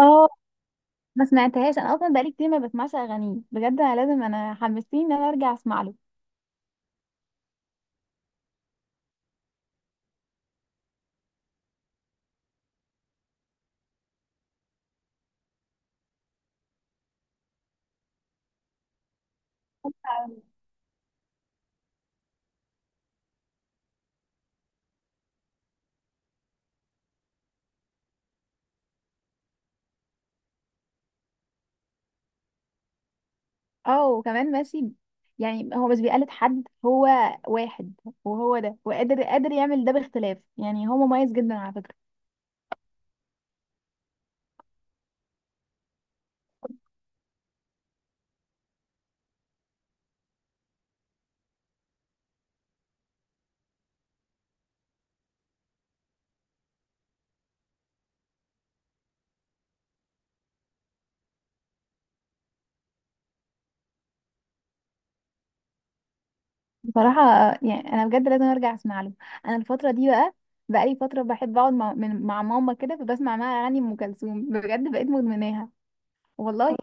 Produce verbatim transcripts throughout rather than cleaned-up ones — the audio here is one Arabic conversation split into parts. اه، ما سمعتهاش. انا اصلا بقالي كتير ما بسمعش اغانيه بجد. انا لازم انا حمستني ان انا ارجع اسمع له. اه، وكمان ماشي. يعني هو مش بيقلد حد، هو واحد، وهو ده، وقادر قادر يعمل ده باختلاف. يعني هو مميز جدا على فكرة. بصراحة، آه، يعني انا بجد لازم ارجع اسمع له. انا الفترة دي بقى، بقالي فترة بحب اقعد مع, من- مع ماما كده، فبسمع معاها اغاني ام كلثوم، بجد بقيت مدمناها. والله.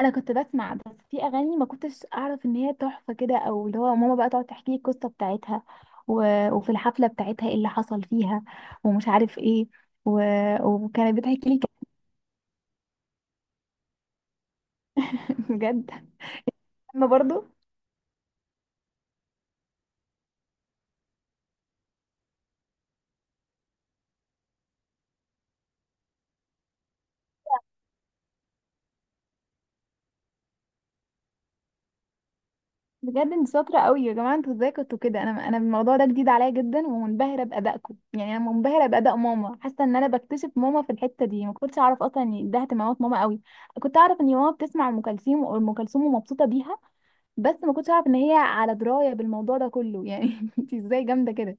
انا كنت بسمع بس في اغاني ما كنتش اعرف ان هي تحفه كده، او اللي هو ماما بقى تقعد تحكي لي القصه بتاعتها. و... وفي الحفله بتاعتها ايه اللي حصل فيها، ومش عارف ايه. و... وكانت بتحكي لي. كلام بجد. انا برضو. بجد انت شاطره قوي يا جماعه، انتوا ازاي كنتوا كده؟ انا انا الموضوع ده جديد عليا جدا، ومنبهره بادائكم، يعني انا منبهره باداء ماما، حاسه ان انا بكتشف ماما في الحته دي. ما كنتش اعرف اصلا ان ده اهتمامات ماما قوي. كنت اعرف ان ماما بتسمع ام كلثوم ام كلثوم ومبسوطه بيها، بس ما كنتش اعرف ان هي على درايه بالموضوع ده كله يعني. انت ازاي جامده كده؟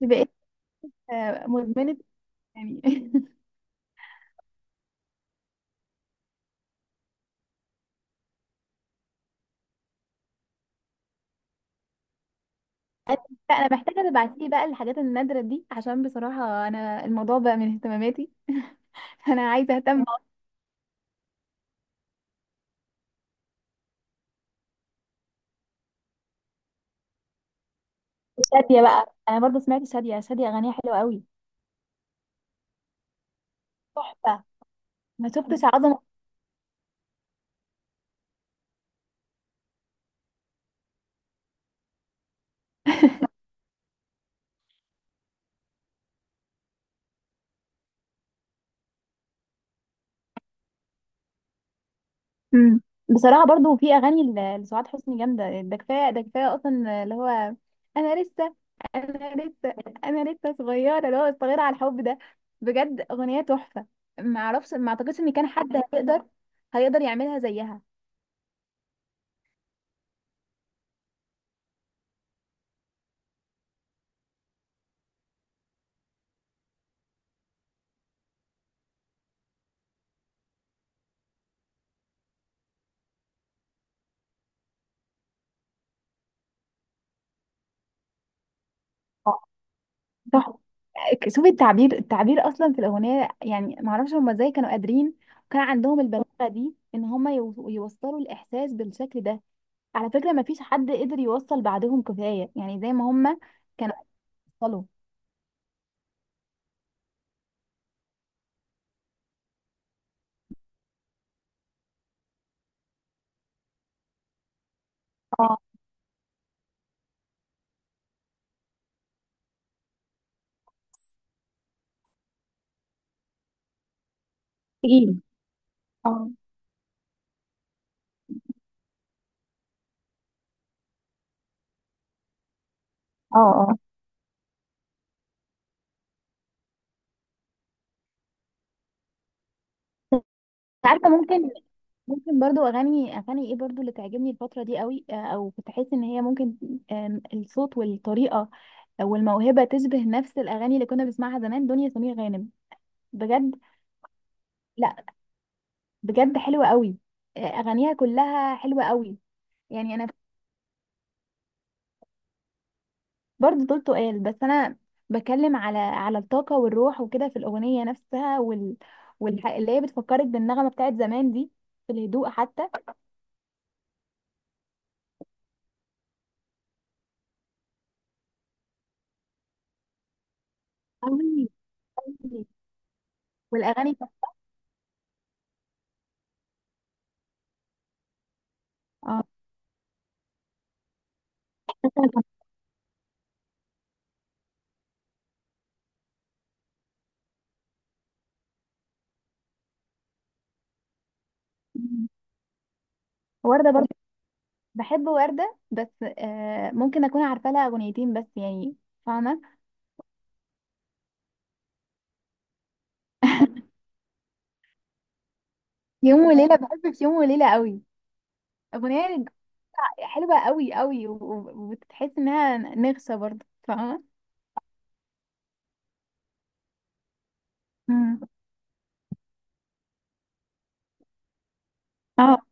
بقيت آه، مدمنه يعني. لا، انا محتاجه تبعتي لي بقى الحاجات النادره دي، عشان بصراحه انا الموضوع بقى من اهتماماتي. انا عايزه اهتم. شاديه بقى، انا برضو سمعت شاديه. شاديه اغانيها حلوه قوي. تحفه. ما شفتش عظمه. مم. بصراحة برضو في أغاني ل- لسعاد حسني جامدة. ده كفاية، ده كفاية أصلا اللي هو، أنا لسه أنا لسه أنا لسه صغيرة، اللي هو صغيرة على الحب ده. بجد أغنية تحفة. معرفش، ما أعتقدش إن كان حد هيقدر هيقدر يعملها زيها. آه. تحفة. شوفي التعبير، التعبير أصلا في الأغنية. يعني معرفش هما إزاي كانوا قادرين، وكان عندهم البلاغة دي إن هما يو- يوصلوا الإحساس بالشكل ده. على فكرة ما فيش حد قدر يوصل بعدهم، كفاية يعني زي ما هما كانوا يوصلوا. اه، تقيل. اه، اه، اه، أنت عارفه. ممكن ممكن برضو، اغاني اغاني ايه برضو اللي تعجبني الفتره دي قوي، آه، او كنت احس ان هي ممكن، آم، الصوت والطريقه والموهبه تشبه نفس الاغاني اللي كنا بنسمعها زمان، دنيا سمير غانم. بجد. لا، بجد حلوه قوي. آه، اغانيها كلها حلوه قوي. يعني انا برضو دول تقال، بس انا بتكلم على على الطاقه والروح وكده في الاغنيه نفسها، وال والح... اللي هي بتفكرك بالنغمه بتاعت زمان دي، في الهدوء حتى قوي. والاغاني بتاعت- اه. مم. وردة برضه. بحب وردة، بس آه ممكن اكون عارفة لها اغنيتين بس يعني. فاهمة؟ يوم وليلة، بحب في يوم وليلة قوي. اغنية حلوة قوي قوي، و- و- وتحس انها نغصة برضه. فاهمة؟ مم. اه،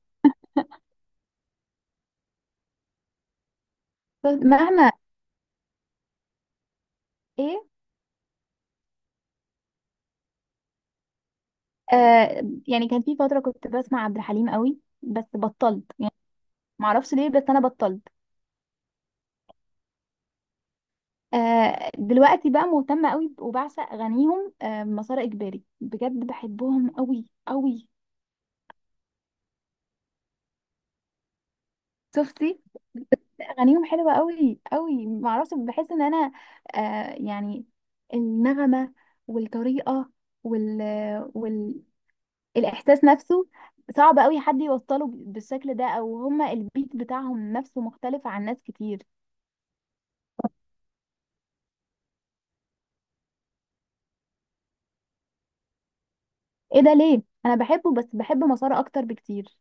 بس مهما، ايه؟ آه يعني كان في فترة كنت بسمع عبد الحليم قوي بس بطلت يعني. معرفش ليه، بس انا بطلت. آه دلوقتي بقى مهتمة قوي وبعشق اغانيهم. آه مسار اجباري بجد، بحبهم قوي قوي. شفتي؟ اغانيهم حلوه قوي قوي. معرفش، بحس ان انا آه يعني النغمه والطريقه وال وال الاحساس نفسه صعب قوي حد يوصله ب- بالشكل ده، او هما البيت بتاعهم نفسه مختلف عن ناس كتير. ايه ده، ليه؟ انا بحبه، بس بحب مسار اكتر بكتير.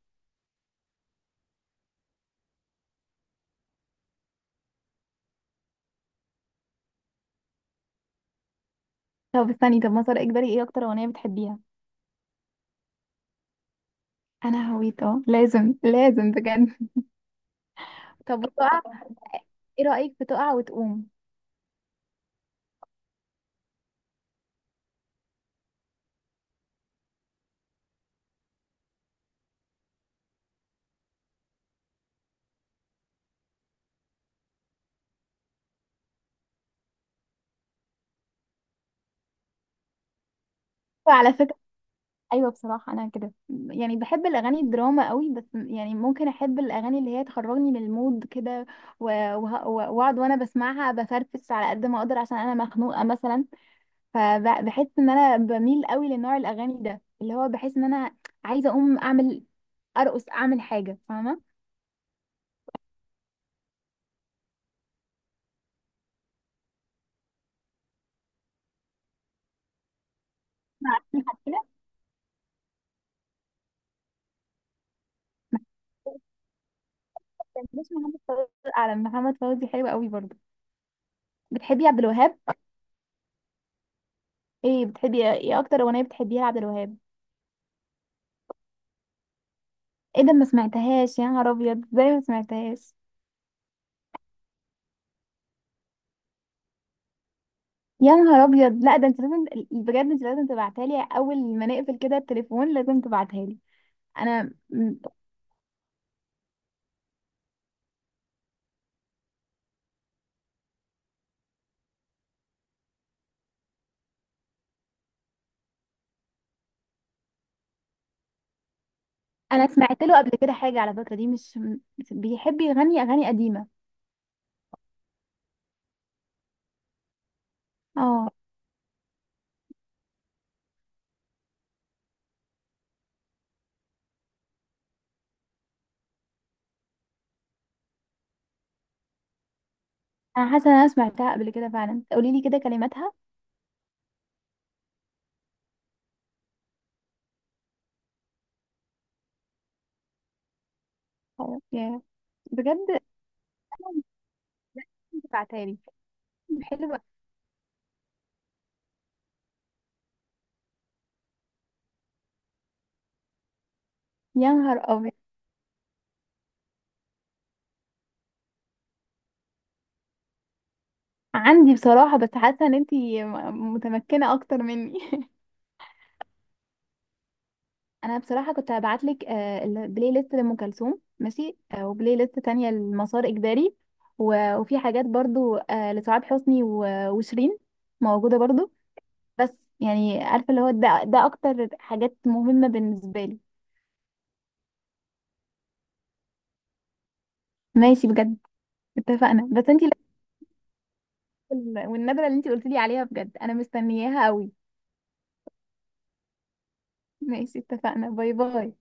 طب استني، طب مسار اجباري ايه اكتر اغنيه بتحبيها؟ انا هويت. اه، لازم لازم بجد. طب وتقع، ايه رايك في تقع وتقوم؟ وعلى فكره، ايوه بصراحه انا كده. يعني بحب الاغاني الدراما قوي، بس يعني ممكن احب الاغاني اللي هي تخرجني من المود كده، و- وه- و- واقعد وانا بسمعها بفرفس على قد ما اقدر، عشان انا مخنوقه مثلا. فبحس ان انا بميل قوي لنوع الاغاني ده، اللي هو بحس ان انا عايزه اقوم اعمل، ارقص، اعمل حاجه. فاهمه؟ مع، عارفين كده. كان اسمه محمد فوزي. على، محمد فوزي حلو قوي برضه. بتحبي عبد الوهاب؟ ايه بتحبي؟ ايه اكتر اغنيه بتحبيها لعبد الوهاب؟ ايه ده، ما سمعتهاش؟ يا نهار ابيض، ازاي ما سمعتهاش؟ يا نهار ابيض. لا ده انت لازم، بجد انت لازم تبعتها لي اول ما نقفل كده التليفون، لازم تبعتها لي. انا م-. انا سمعت له قبل كده حاجه على فكره، دي مش م-. بيحب يغني اغاني قديمه. اه. انا حاسه ان انا سمعتها قبل كده فعلا، قولي لي كده كلماتها. أو- يا-. بجد انا، ممكن تبعتها لي؟ حلوه، يا نهار ابيض. عندي بصراحه، بس حاسه ان انت م- متمكنه اكتر مني. انا بصراحه كنت هبعت لك البلاي ليست لام كلثوم، ماشي، آه، وبلاي ليست تانية لمسار اجباري، و- وفي حاجات برضو، آه، لسعاد حسني، و- وشيرين موجوده برضو. بس يعني عارفه، اللي هو ده ده اكتر حاجات مهمه بالنسبه لي. ماشي بجد، اتفقنا. بس انتي ال- والنبره اللي انتي قلتي لي عليها، بجد انا مستنياها قوي. ماشي اتفقنا. باي باي.